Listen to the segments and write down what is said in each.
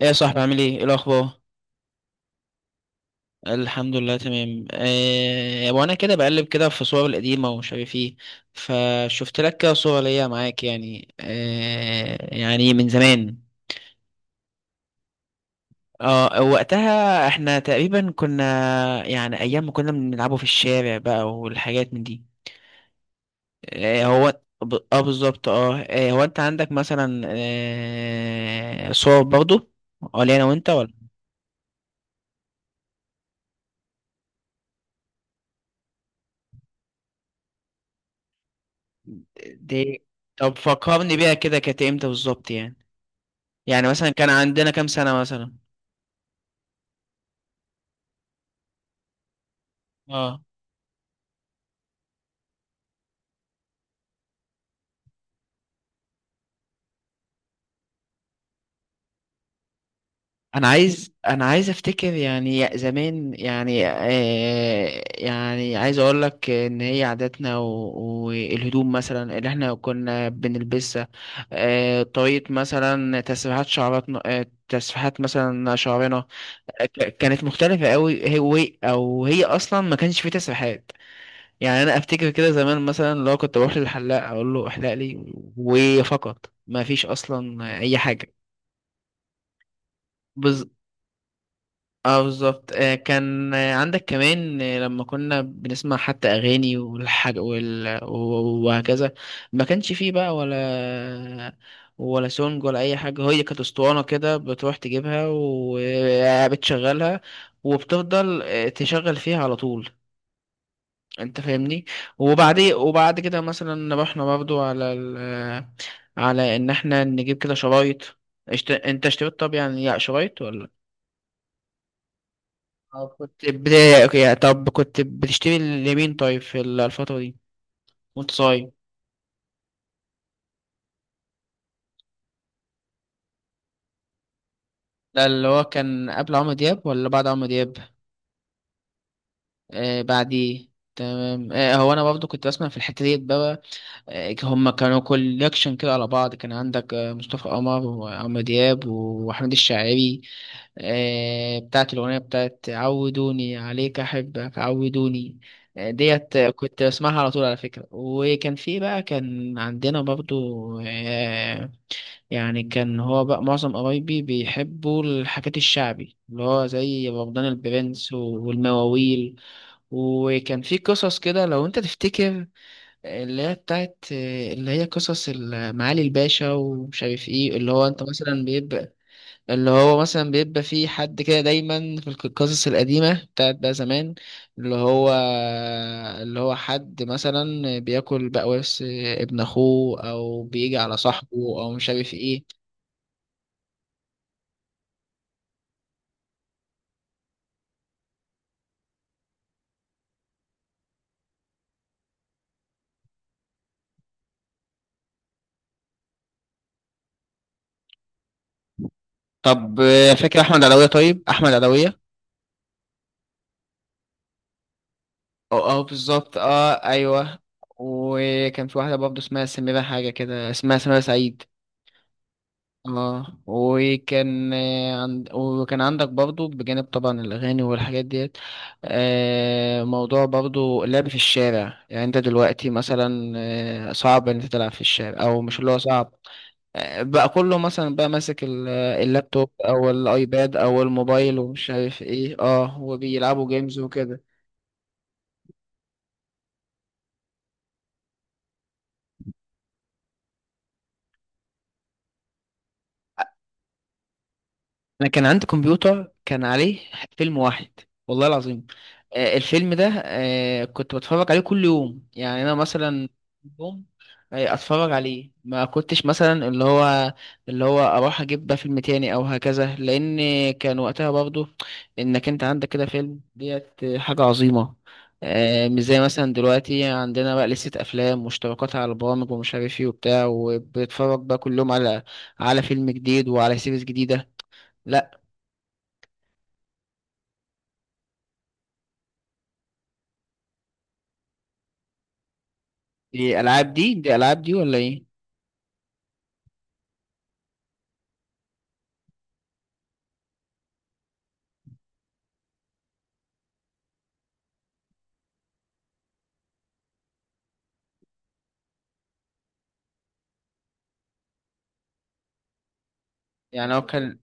ايه يا صاحبي، عامل ايه؟ إيه الاخبار؟ الحمد لله تمام. وانا كده بقلب كده في صور القديمه ومش عارف ايه، فشفت لك كده صوره ليا معاك، يعني يعني من زمان. اه وقتها احنا تقريبا كنا، يعني ايام ما كنا بنلعبوا في الشارع بقى والحاجات من دي. أه هو ب- اه بالظبط. هو انت عندك مثلا صور برضو ولا انا وانت؟ ولا دي؟ طب فكرني بيها كده، كانت امتى بالظبط يعني؟ يعني مثلا كان عندنا كام سنة مثلا؟ اه، انا عايز افتكر يعني زمان، يعني عايز اقول لك ان هي عاداتنا والهدوم مثلا اللي احنا كنا بنلبسها. طريقة مثلا تسريحات شعراتنا، تسريحات مثلا شعرنا. كانت مختلفة قوي، هي او هي اصلا ما كانش في تسريحات. يعني انا افتكر كده زمان، مثلا لو كنت بروح للحلاق اقول له احلق لي وفقط، ما فيش اصلا اي حاجة. بز... اه بالظبط. كان، عندك كمان، لما كنا بنسمع حتى اغاني والحاج وهكذا. ما كانش فيه بقى ولا، ولا سونج ولا اي حاجه، هي كانت اسطوانه كده بتروح تجيبها وبتشغلها، وبتفضل تشغل فيها على طول. انت فاهمني؟ وبعدين، وبعد كده مثلا رحنا برضو على ال... على ان احنا نجيب كده شرايط. انت اشتريت، طب يعني شرايط ولا؟ اه كنت بداية، اوكي. طب كنت بتشتري لمين طيب في الفترة دي وانت صغير؟ ده اللي هو كان قبل عمرو دياب ولا بعد عمرو دياب؟ آه بعديه. تمام. هو انا برضه كنت بسمع في الحتة ديت بقى. هما كانوا كوليكشن كده على بعض، كان عندك مصطفى قمر وعمرو دياب واحمد الشاعري. بتاعت الاغنية بتاعت عودوني عليك احبك عودوني. ديت، كنت بسمعها على طول على فكرة. وكان في بقى، كان عندنا برضو، يعني كان هو بقى معظم قرايبي بيحبوا الحاجات الشعبي، اللي هو زي بابدان البرنس والمواويل. وكان في قصص كده لو انت تفتكر، اللي هي بتاعت، اللي هي قصص معالي الباشا ومش عارف ايه، اللي هو انت مثلا بيبقى، اللي هو مثلا بيبقى في حد كده دايما في القصص القديمة بتاعت بقى زمان، اللي هو، اللي هو حد مثلا بياكل بقى ورث ابن اخوه، او بيجي على صاحبه، او مش عارف ايه. طب فاكر احمد علوية؟ طيب احمد علوية، اه اه بالظبط اه ايوه. وكان في واحدة برضه اسمها سميرة، حاجة كده اسمها سميرة سعيد. اه، وكان وكان عندك برضه بجانب طبعا الاغاني والحاجات ديت، موضوع برضه اللعب في الشارع. يعني انت دلوقتي مثلا صعب ان انت تلعب في الشارع، او مش اللي هو صعب، بقى كله مثلا بقى ماسك اللابتوب او الايباد او الموبايل ومش عارف ايه، اه وبيلعبوا جيمز وكده. انا كان عندي كمبيوتر كان عليه فيلم واحد، والله العظيم. الفيلم ده، كنت بتفرج عليه كل يوم. يعني انا مثلا يوم، اتفرج عليه، ما كنتش مثلا اللي هو، اللي هو اروح اجيب بقى فيلم تاني او هكذا، لان كان وقتها برضو انك انت عندك كده فيلم ديت حاجة عظيمة. مش زي مثلا دلوقتي عندنا بقى لستة افلام واشتراكات على البرامج ومش عارف ايه وبتاع، وبتتفرج بقى كل يوم على، على فيلم جديد وعلى سيريز جديدة. لا، دي العاب دي ولا ايه؟ يعني هو كان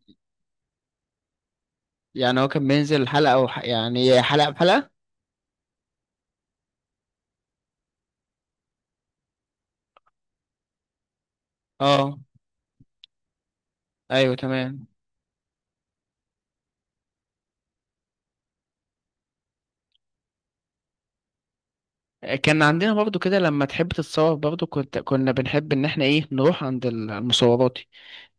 يعني هو كان بينزل حلقة يعني حلقة بحلقة. اه ايوه تمام. كان عندنا برضو كده لما تحب تتصور برضو، كنت كنا بنحب ان احنا ايه، نروح عند المصورات.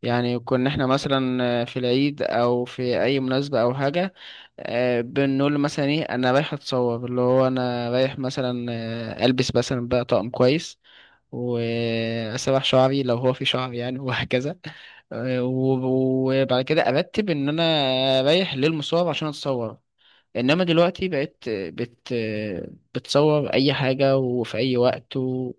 يعني كنا احنا مثلا في العيد او في اي مناسبة او حاجة، بنقول له مثلا ايه انا رايح اتصور، اللي هو انا رايح مثلا البس مثلا بقى طقم كويس واسرح شعري لو هو في شعر يعني وهكذا. آه، و- وبعد كده ارتب ان انا رايح للمصور عشان اتصور. انما دلوقتي بقيت بت، بتصور اي حاجه وفي اي وقت و...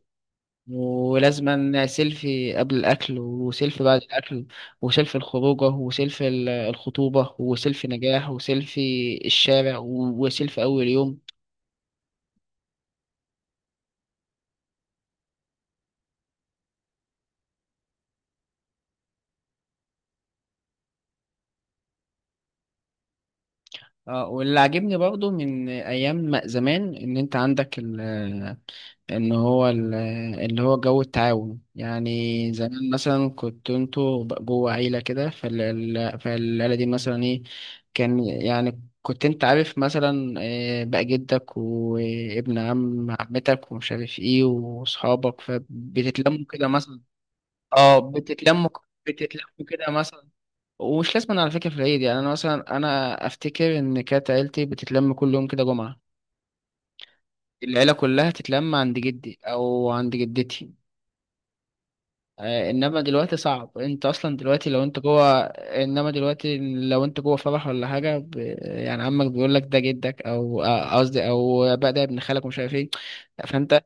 ولازما سيلفي قبل الاكل، وسيلفي بعد الاكل، وسيلفي الخروجه، وسيلفي الخطوبه، وسيلفي نجاح، وسيلفي الشارع، وسيلفي اول يوم. اه، واللي عاجبني برضو من ايام ما زمان ان انت عندك ال، ان هو ال، اللي هو جو التعاون. يعني زمان مثلا كنت انتوا جوه عيلة كده، فالعيلة دي مثلا ايه، كان يعني كنت انت عارف مثلا بقى جدك وابن عم عمتك ومش عارف ايه واصحابك، فبتتلموا كده مثلا. اه بتتلموا، بتتلموا كده مثلا. ومش لازم على فكرة في العيد، يعني أنا مثلا أنا أفتكر إن كانت عيلتي بتتلم كل يوم كده جمعة، العيلة كلها تتلم عند جدي أو عند جدتي. إنما دلوقتي صعب، أنت أصلا دلوقتي لو أنت جوه، إنما دلوقتي لو أنت جوه فرح ولا حاجة، ب... يعني عمك بيقول لك ده جدك أو قصدي أو بقى ده ابن خالك ومش عارف إيه، فأنت،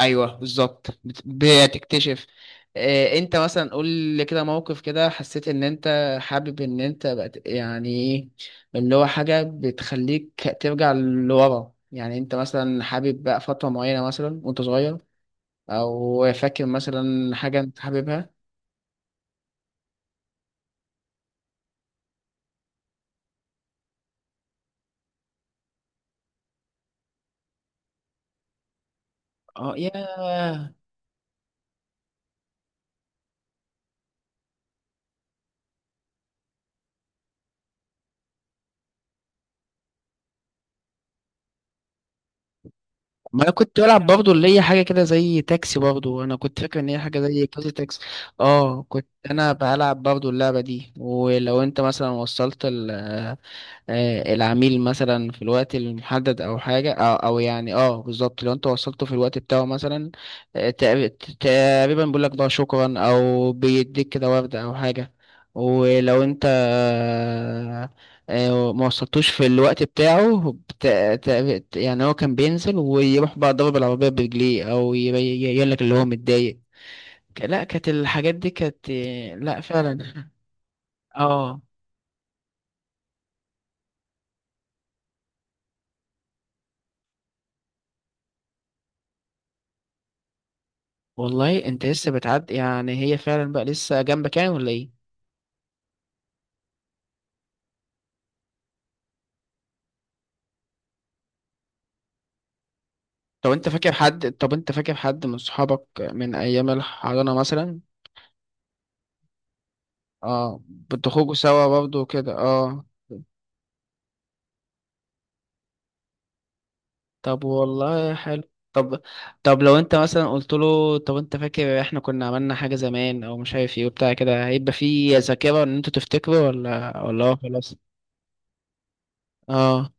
ايوه بالظبط بتكتشف. انت مثلا قول لي كده موقف كده حسيت ان انت حابب ان انت بقت يعني ايه، اللي هو حاجه بتخليك ترجع لورا. يعني انت مثلا حابب بقى فتره معينه مثلا وانت صغير، او فاكر مثلا حاجه انت حاببها؟ اه ياه. ما انا كنت بلعب برضه اللي هي حاجه كده زي تاكسي، برضه انا كنت فاكر ان هي حاجه زي كذا تاكسي. اه كنت انا بلعب برضه اللعبه دي، ولو انت مثلا وصلت ال، العميل مثلا في الوقت المحدد او حاجه، او او يعني اه بالظبط، لو انت وصلته في الوقت بتاعه مثلا، آه، تق- تقريبا بيقول لك بقى شكرا، او بيديك كده ورده او حاجه. ولو انت ما وصلتوش في الوقت بتاعه يعني هو كان بينزل ويروح بقى ضرب العربيه برجليه، او يبين لك اللي هو متضايق. لا كانت الحاجات دي كانت لا فعلا. اه، والله انت لسه بتعدي؟ يعني هي فعلا بقى لسه جنبك يعني ولا ايه؟ طب انت فاكر حد، طب انت فاكر حد من صحابك من ايام الحضانة مثلا؟ اه بتخرجوا سوا برضه وكده؟ اه طب والله حلو. طب، طب لو انت مثلا قلت له طب انت فاكر احنا كنا عملنا حاجة زمان او مش عارف ايه وبتاع كده، هيبقى في ذاكرة ان انتوا تفتكروا، ولا، ولا هو خلاص؟ اه.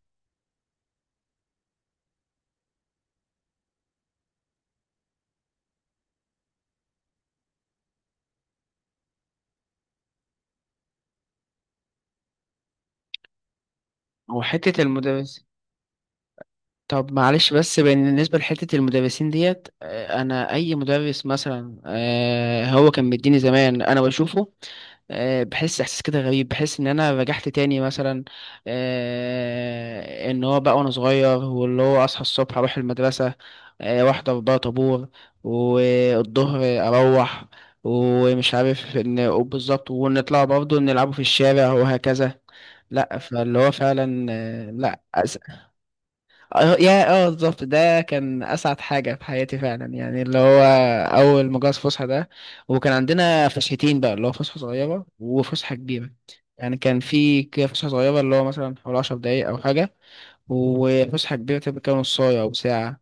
وحتة المدرس، طب معلش بس بالنسبة لحتة المدرسين ديت، أنا أي مدرس مثلا هو كان مديني زمان، أنا بشوفه بحس إحساس كده غريب، بحس إن أنا رجعت تاني مثلا، إن هو بقى وأنا صغير واللي هو أصحى الصبح أروح المدرسة، وأحضر بقى طابور، والظهر أروح، ومش عارف إن بالظبط، ونطلع برضه نلعبوا في الشارع وهكذا. لأ، فاللي هو فعلا لأ. اه يا، اه بالظبط، ده كان اسعد حاجه في حياتي فعلا، يعني اللي هو اول مجاز فسحه ده. وكان عندنا فسحتين بقى، اللي هو فسحه صغيره وفسحه كبيره. يعني كان في كده فسحه صغيره اللي هو مثلا حوالي 10 دقايق او حاجه، وفسحه كبيره تبقى كده نص ساعه او ساعه.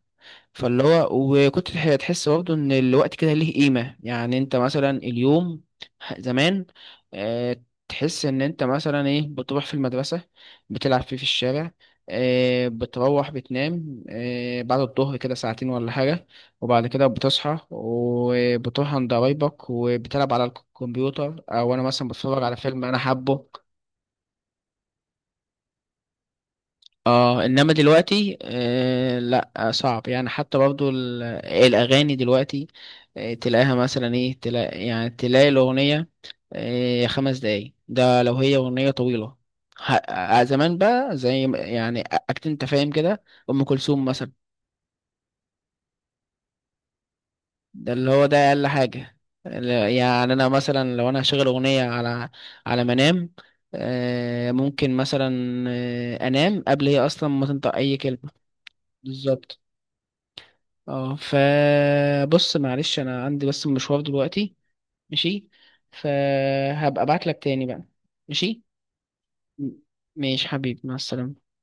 فاللي هو، وكنت تحس برضه ان الوقت كده ليه قيمة. يعني انت مثلا اليوم، زمان آه، تحس ان انت مثلا ايه بتروح في المدرسة، بتلعب فيه في الشارع، بتروح بتنام بعد الظهر كده ساعتين ولا حاجة، وبعد كده بتصحى وبتروح عند قرايبك وبتلعب على الكمبيوتر او انا مثلا بتفرج على فيلم انا حابه. اه انما دلوقتي آه لا آه، صعب يعني. حتى برضو الاغاني دلوقتي تلاقيها مثلا ايه، تلاقي يعني تلاقي الاغنيه خمس دقايق، ده لو هي اغنيه طويله. زمان بقى زي ما، يعني اكيد انت فاهم كده، ام كلثوم مثلا. ده اللي هو ده اقل حاجه. يعني انا مثلا لو انا هشغل اغنيه على، على منام، ممكن مثلا انام قبل هي اصلا ما تنطق اي كلمه. بالظبط. اه فبص معلش، انا عندي بس مشوار دلوقتي، ماشي؟ فهبقى ابعت لك تاني بقى، ماشي؟ م- ماشي حبيبي، مع السلامة.